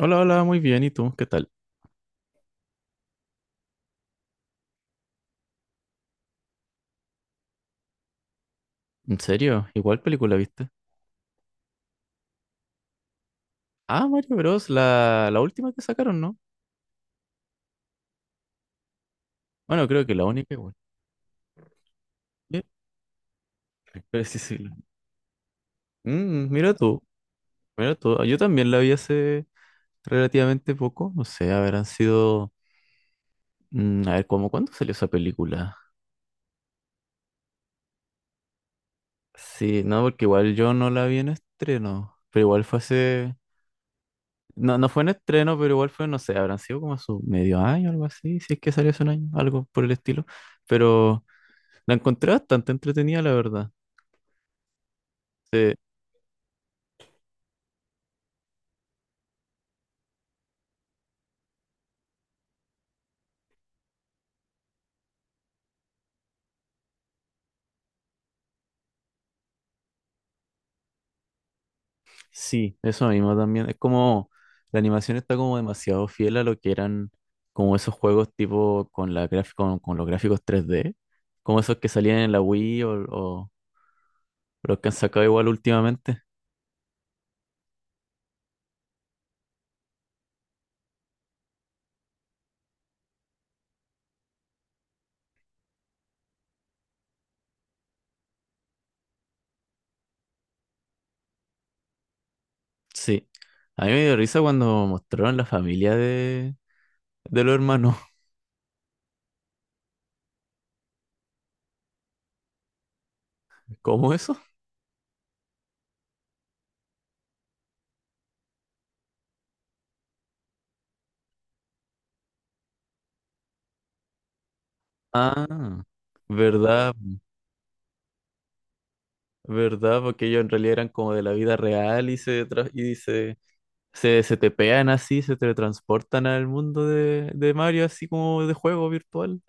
Hola, hola, muy bien. ¿Y tú? ¿Qué tal? ¿En serio? ¿Igual película viste? Ah, Mario Bros. La última que sacaron, ¿no? Bueno, creo que la única igual. Eh, Pero sí, sí. Mm, mira tú. Yo también la vi hace relativamente poco. No sé, habrán sido... a ver, ¿cómo cuándo salió esa película? Sí, no, porque igual yo no la vi en estreno. Pero igual fue hace... No, no fue en estreno, pero igual fue, no sé, habrán sido como su medio año, algo así. Si es que salió hace un año, algo por el estilo. Pero... La encontré bastante entretenida, la verdad. Eh, sí, eso mismo también. Es como la animación está como demasiado fiel a lo que eran como esos juegos tipo con la con los gráficos tres d como esos que salían en la Wii o los que han sacado igual últimamente. Sí. A mí me dio risa cuando mostraron la familia de los hermanos. ¿Cómo eso? Ah, verdad, verdad, porque ellos en realidad eran como de la vida real y se Se te pegan así, se teletransportan al mundo de Mario, así como de juego virtual.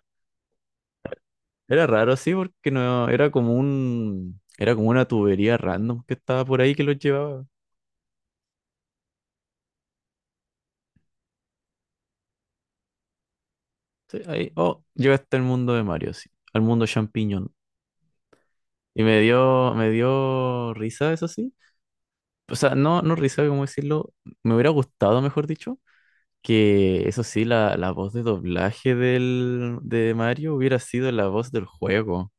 Era raro así porque no, era como un, era como una tubería random que estaba por ahí que los llevaba. Sí, ahí, oh, llegaste al mundo de Mario, sí, al mundo champiñón. Y me dio risa, eso sí. O sea, no, no risa, cómo decirlo. Me hubiera gustado, mejor dicho, que eso sí, la voz de doblaje del, de Mario hubiera sido la voz del juego.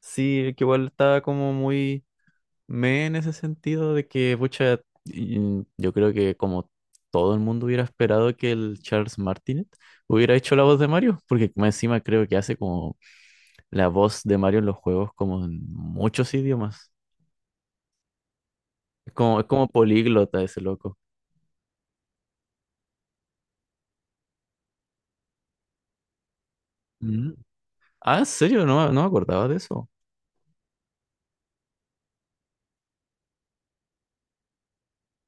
Sí, que igual estaba como muy me en ese sentido de que, pucha, yo creo que como todo el mundo hubiera esperado que el Charles Martinet hubiera hecho la voz de Mario, porque más encima creo que hace como la voz de Mario en los juegos como en muchos idiomas. Es como políglota ese loco. Mm. Ah, ¿en serio? No, no me acordaba de eso.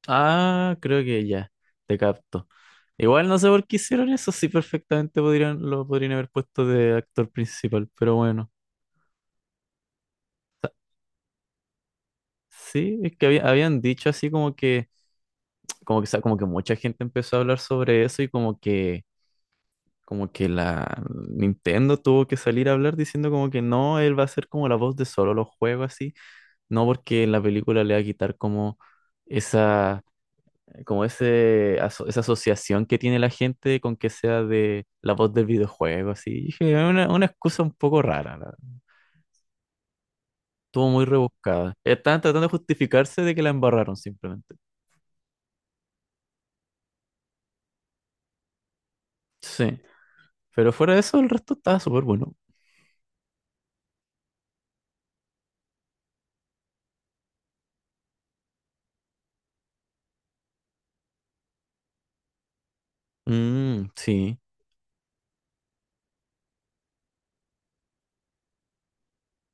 Ah, creo que ya, te capto. Igual no sé por qué hicieron eso, sí perfectamente podrían, lo podrían haber puesto de actor principal, pero bueno. Sí, es que habían dicho así como que, como que, como que mucha gente empezó a hablar sobre eso y como que la Nintendo tuvo que salir a hablar diciendo como que no, él va a ser como la voz de solo los juegos así, no porque en la película le va a quitar como esa, como ese, esa asociación que tiene la gente con que sea de la voz del videojuego así. Y dije, "Es una excusa un poco rara, la verdad". Estuvo muy rebuscada. Estaban tratando de justificarse de que la embarraron simplemente. Sí. Pero fuera de eso, el resto estaba súper bueno. Mm, sí,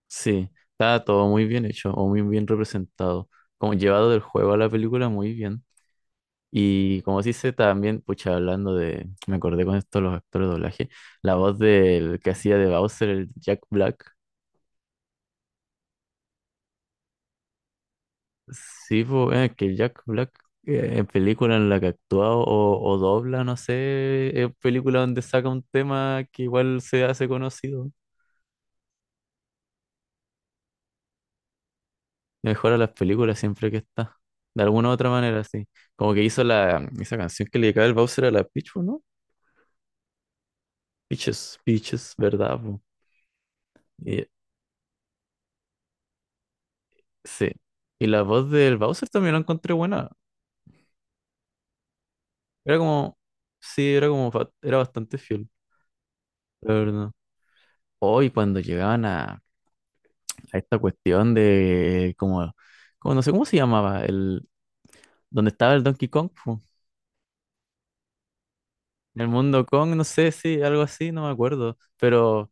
sí. Estaba todo muy bien hecho o muy bien representado. Como llevado del juego a la película muy bien. Y como se dice también, pucha, hablando de, me acordé con esto de los actores de doblaje, la voz del que hacía de Bowser, el Jack Black. Sí, po, que el Jack Black en película en la que actúa o dobla, no sé, es película donde saca un tema que igual se hace conocido. Mejora las películas siempre que está. De alguna u otra manera, sí. Como que hizo la, esa canción que le dedicaba el Bowser a la Peach, ¿o no? Peaches, Peaches, ¿verdad, po? Y, sí. Y la voz del Bowser también la encontré buena. Era como, sí, era como, era bastante fiel, la verdad. Hoy cuando llegaban a esta cuestión de, como, como, no sé cómo se llamaba, el, donde estaba el Donkey Kong, po. En el mundo Kong, no sé, sí, algo así, no me acuerdo. Pero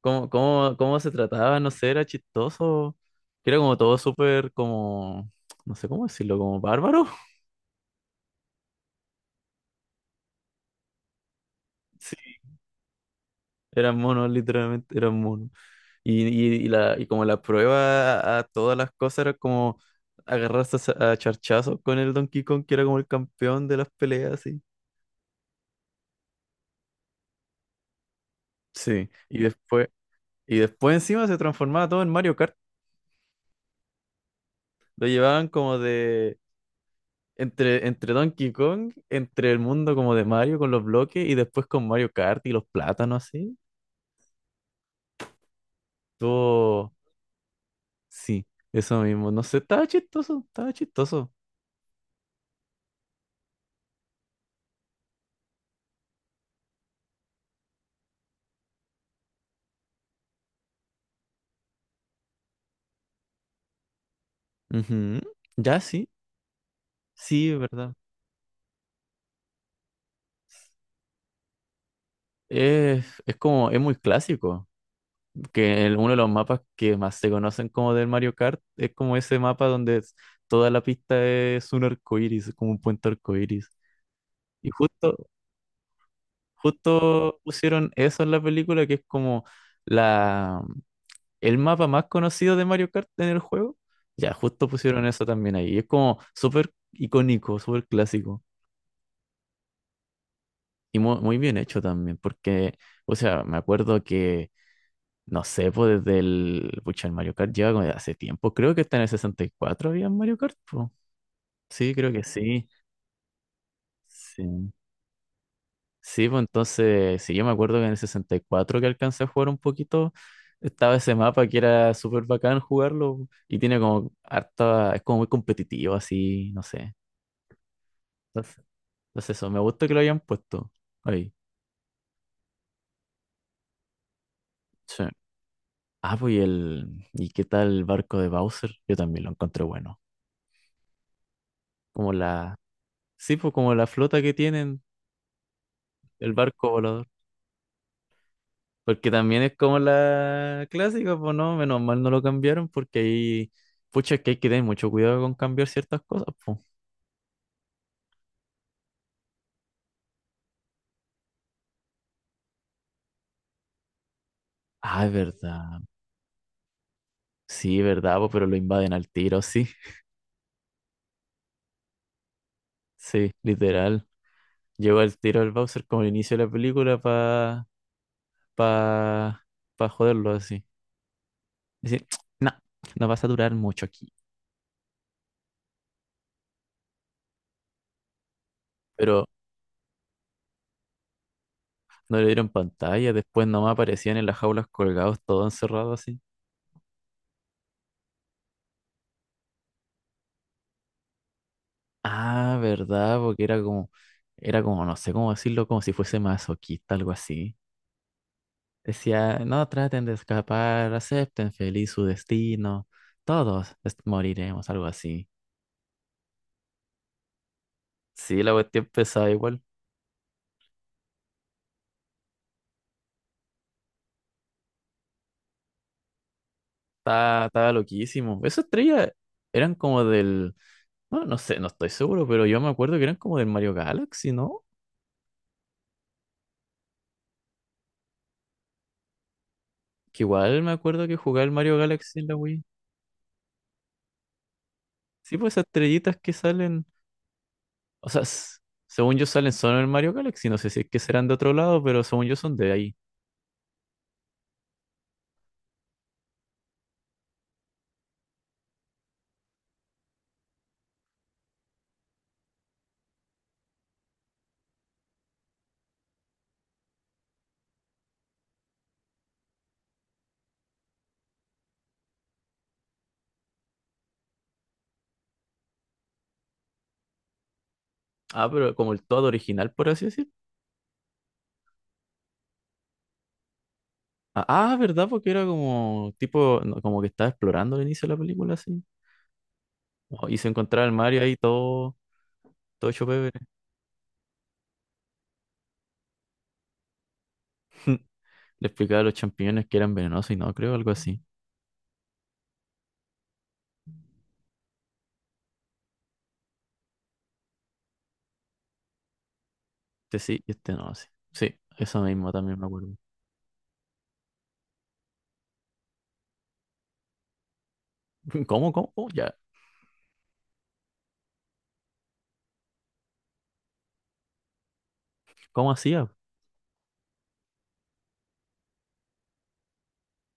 cómo se trataba, no sé, era chistoso. Era como todo súper como, no sé cómo decirlo, como bárbaro. Sí, eran monos, literalmente, eran monos. Y como la prueba a todas las cosas era como agarrarse a charchazos con el Donkey Kong, que era como el campeón de las peleas, así. Sí, y después encima se transformaba todo en Mario Kart. Lo llevaban como de, Entre Donkey Kong, entre el mundo como de Mario con los bloques y después con Mario Kart y los plátanos así. Todo, sí, eso mismo. No sé, estaba chistoso, estaba chistoso. Ujú. Ya sí, sí, es verdad. Es como, es muy clásico, uno de los mapas que más se conocen como del Mario Kart es como ese mapa donde toda la pista es un arcoíris, es como un puente arcoíris. Y justo, justo pusieron eso en la película que es como la el mapa más conocido de Mario Kart en el juego. Ya, justo pusieron eso también ahí. Y es como súper icónico, súper clásico. Y muy, bien hecho también, porque, o sea, me acuerdo que, no sé, pues desde el, pucha, el Mario Kart lleva como de hace tiempo. Creo que está en el 64 había Mario Kart, po. Sí, creo que sí. Sí. Sí, pues entonces, sí, yo me acuerdo que en el 64 que alcancé a jugar un poquito, estaba ese mapa que era súper bacán jugarlo y tiene como harta, es como muy competitivo así, no sé. Entonces, entonces eso, me gusta que lo hayan puesto ahí. Sí. Ah, pues y el, ¿y qué tal el barco de Bowser? Yo también lo encontré bueno. Como la, sí, pues como la flota que tienen, el barco volador. Porque también es como la clásica, pues no, menos mal no lo cambiaron porque ahí, pucha, es que hay que tener mucho cuidado con cambiar ciertas cosas, pues. Ah, es verdad. Sí, es verdad, po. Pero lo invaden al tiro, sí. Sí, literal. Lleva al tiro al Bowser como el inicio de la película para pa, pa joderlo así. Decir, no, no vas a durar mucho aquí. Pero no le dieron pantalla, después nomás aparecían en las jaulas colgados, todos encerrados así. Ah, ¿verdad? Porque era como, no sé cómo decirlo, como si fuese masoquista, algo así. Decía, no traten de escapar, acepten feliz su destino, moriremos, algo así. Sí, la cuestión pesada igual, estaba loquísimo. Esas estrellas eran como del, no, no sé, no estoy seguro, pero yo me acuerdo que eran como del Mario Galaxy, ¿no? Que igual me acuerdo que jugaba el Mario Galaxy en la Wii. Sí, pues esas estrellitas que salen. O sea, según yo salen solo en Mario Galaxy, no sé si es que serán de otro lado, pero según yo son de ahí. Ah, pero como el todo original, por así decir. Ah, ah, ¿verdad? Porque era como tipo, no, como que estaba explorando al inicio de la película, así. Oh, y se encontraba el Mario ahí todo, todo hecho pebre. Le explicaba a los champiñones que eran venenosos y no, creo, algo así. Este sí y este no, sí. Sí, eso mismo también me acuerdo. ¿Cómo? Oh, ya. ¿Cómo hacía?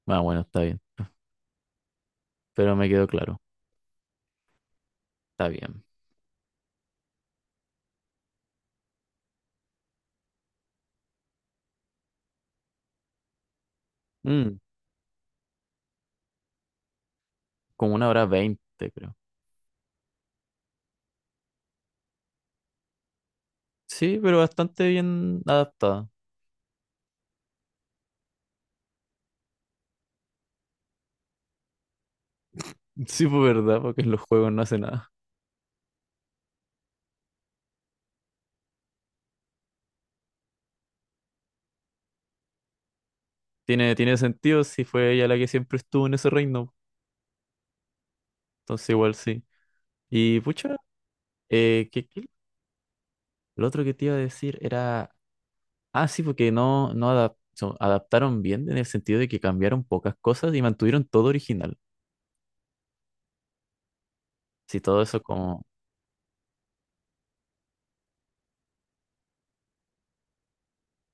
Ah, bueno, está bien. Pero me quedó claro. Está bien. Mm, como 1:20, creo. Sí, pero bastante bien adaptada. Sí, por verdad, porque en los juegos no hace nada. Tiene, tiene sentido si fue ella la que siempre estuvo en ese reino. Entonces igual sí. Y pucha, ¿qué? Lo otro que te iba a decir era... Ah, sí, porque no, adaptaron bien en el sentido de que cambiaron pocas cosas y mantuvieron todo original. Sí, todo eso como...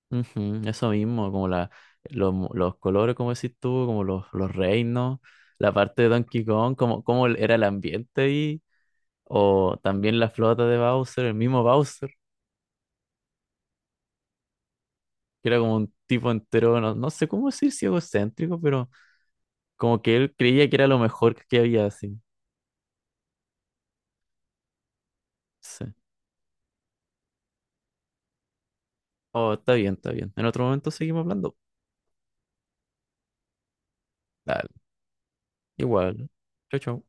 Ujú, eso mismo, como la, los, los colores, como decís tú, como los reinos, la parte de Donkey Kong, como, como era el ambiente ahí. O también la flota de Bowser, el mismo Bowser, que era como un tipo entero, no, no sé cómo decir si egocéntrico, pero como que él creía que era lo mejor que había así. Sí. Oh, está bien, está bien. En otro momento seguimos hablando. Dale, igual. Chau, chau.